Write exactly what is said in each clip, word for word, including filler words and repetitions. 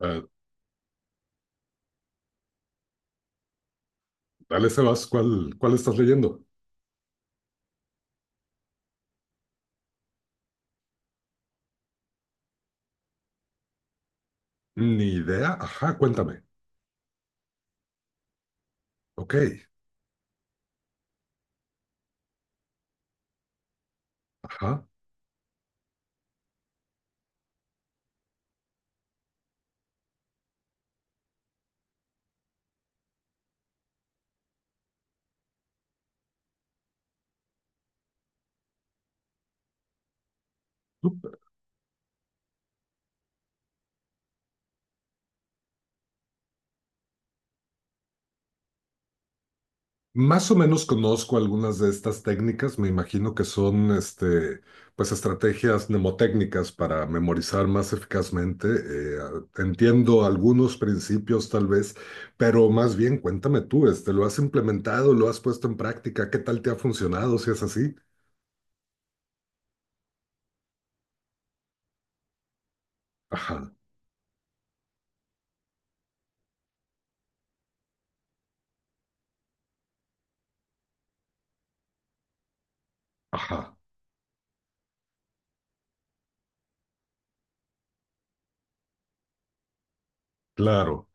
Ah, dale, Sebas, ¿cuál, cuál estás leyendo? Ni idea. Ajá, cuéntame. Ok. Ajá. Súper. Más o menos conozco algunas de estas técnicas. Me imagino que son, este, pues, estrategias mnemotécnicas para memorizar más eficazmente. Eh, ah, entiendo algunos principios, tal vez, pero más bien cuéntame tú, este, ¿lo has implementado? ¿Lo has puesto en práctica? ¿Qué tal te ha funcionado si es así? Ajá, ajá, claro.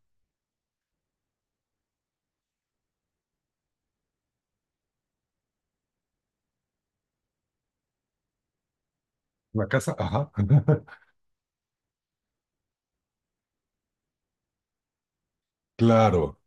La casa, ajá. Claro.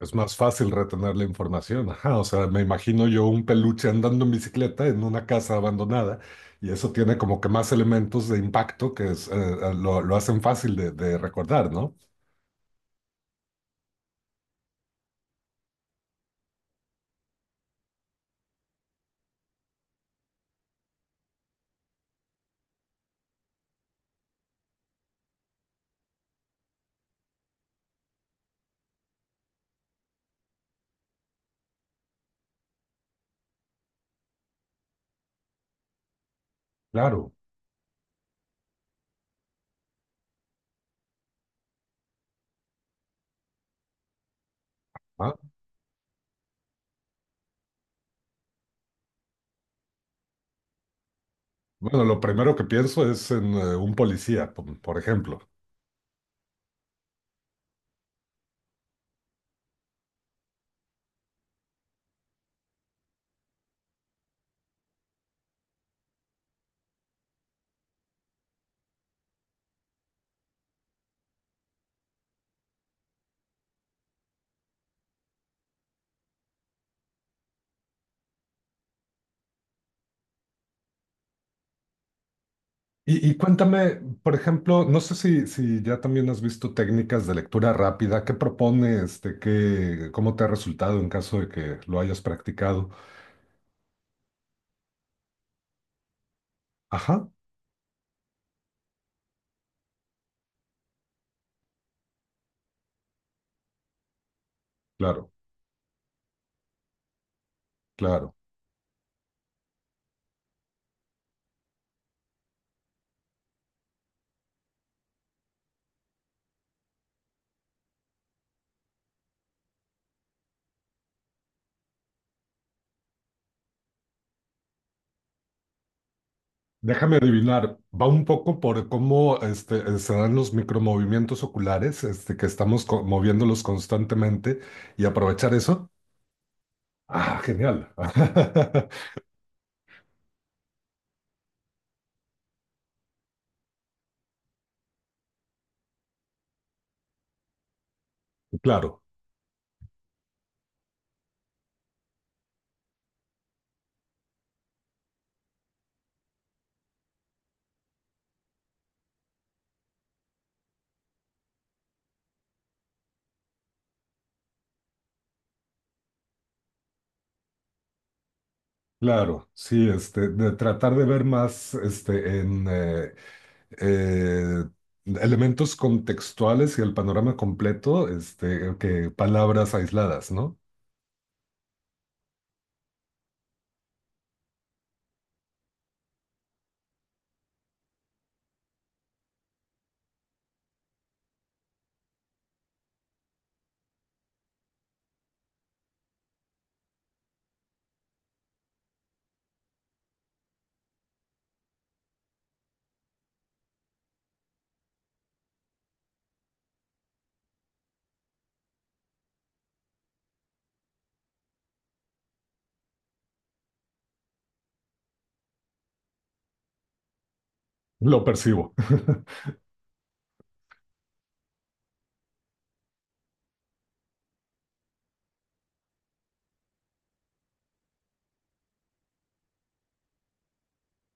Es más fácil retener la información. Ajá, o sea, me imagino yo un peluche andando en bicicleta en una casa abandonada y eso tiene como que más elementos de impacto que es, eh, eh, lo, lo hacen fácil de, de recordar, ¿no? Claro. Ah, bueno, lo primero que pienso es en eh, un policía, por, por ejemplo. Y, y cuéntame, por ejemplo, no sé si, si ya también has visto técnicas de lectura rápida. ¿Qué propone este, qué, cómo te ha resultado en caso de que lo hayas practicado? Ajá, claro, claro. Déjame adivinar, va un poco por cómo este, se dan los micromovimientos oculares, este, que estamos co- moviéndolos constantemente y aprovechar eso. Ah, genial. Claro, claro, sí, este, de tratar de ver más este, en eh, eh, elementos contextuales y el panorama completo, este, que palabras aisladas, ¿no? Lo percibo.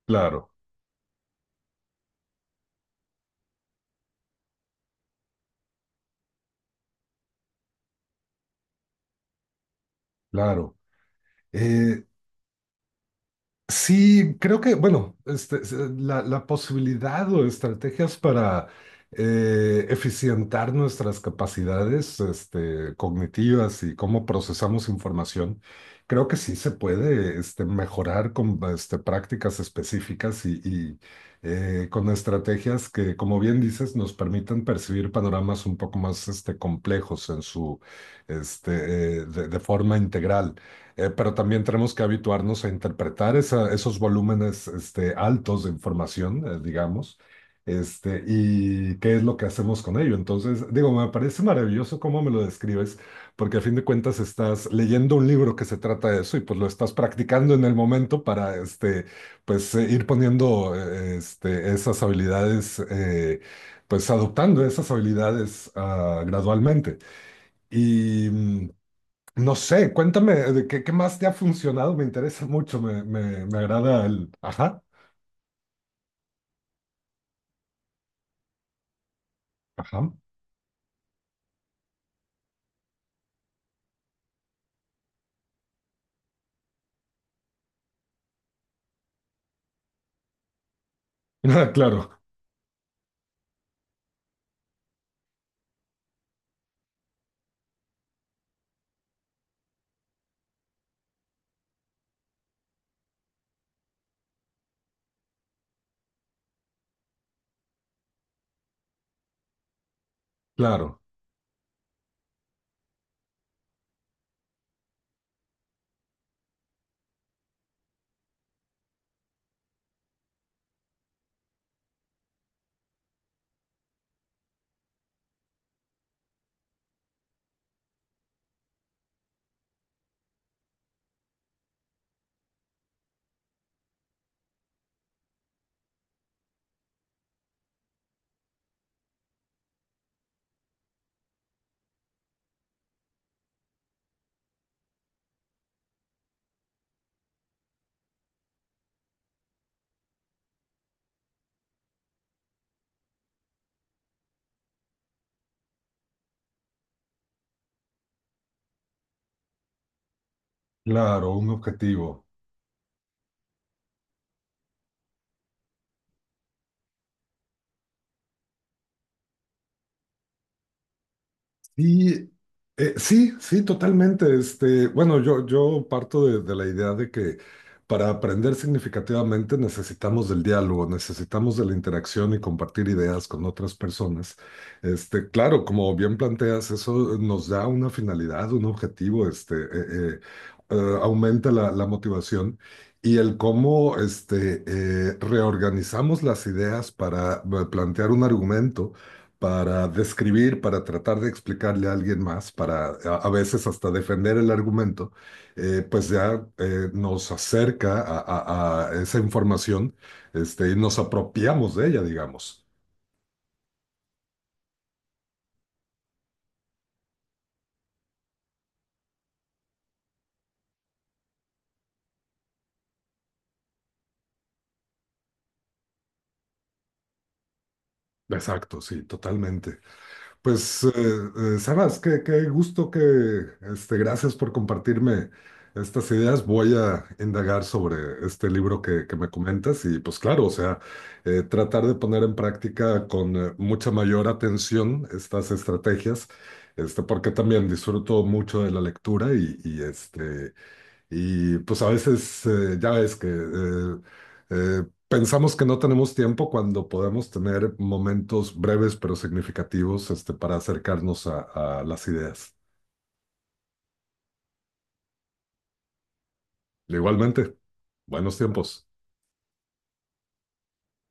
Claro, claro. Eh, Sí, creo que, bueno, este, es, eh, la, la posibilidad o estrategias para eh, eficientar nuestras capacidades este, cognitivas y cómo procesamos información, creo que sí se puede este, mejorar con este, prácticas específicas y, y, eh, con estrategias que, como bien dices, nos permitan percibir panoramas un poco más este, complejos en su, este, eh, de de forma integral. Eh, pero también tenemos que habituarnos a interpretar esa- esos volúmenes este, altos de información, eh, digamos, este, y qué es lo que hacemos con ello. Entonces, digo, me parece maravilloso cómo me lo describes, porque a fin de cuentas estás leyendo un libro que se trata de eso y pues lo estás practicando en el momento para este, pues, eh, ir poniendo eh, este, esas habilidades, eh, pues adoptando esas habilidades ah, gradualmente. Y mm, no sé, cuéntame de qué, qué más te ha funcionado, me interesa mucho, me, me, me agrada el... Ajá, ajá. Claro, claro, claro, un objetivo. Sí, eh, sí, sí, totalmente. Este, bueno, yo, yo parto de, de la idea de que para aprender significativamente necesitamos del diálogo, necesitamos de la interacción y compartir ideas con otras personas. Este, claro, como bien planteas, eso nos da una finalidad, un objetivo, este, eh, eh, eh, aumenta la, la motivación. Y el cómo este, eh, reorganizamos las ideas para eh, plantear un argumento para describir, para tratar de explicarle a alguien más, para a, a veces hasta defender el argumento, eh, pues ya eh, nos acerca a, a- a esa información, este, y nos apropiamos de ella, digamos. Exacto, sí, totalmente. Pues, eh, eh, Sebas, qué, qué gusto que, este, gracias por compartirme estas ideas. Voy a indagar sobre este libro que, que me comentas y pues claro, o sea, eh, tratar de poner en práctica con eh, mucha mayor atención estas estrategias, este, porque también disfruto mucho de la lectura y, y, este, y pues a veces eh, ya ves que eh, eh, pensamos que no tenemos tiempo cuando podemos tener momentos breves pero significativos este, para acercarnos a, a las ideas. Igualmente, buenos tiempos.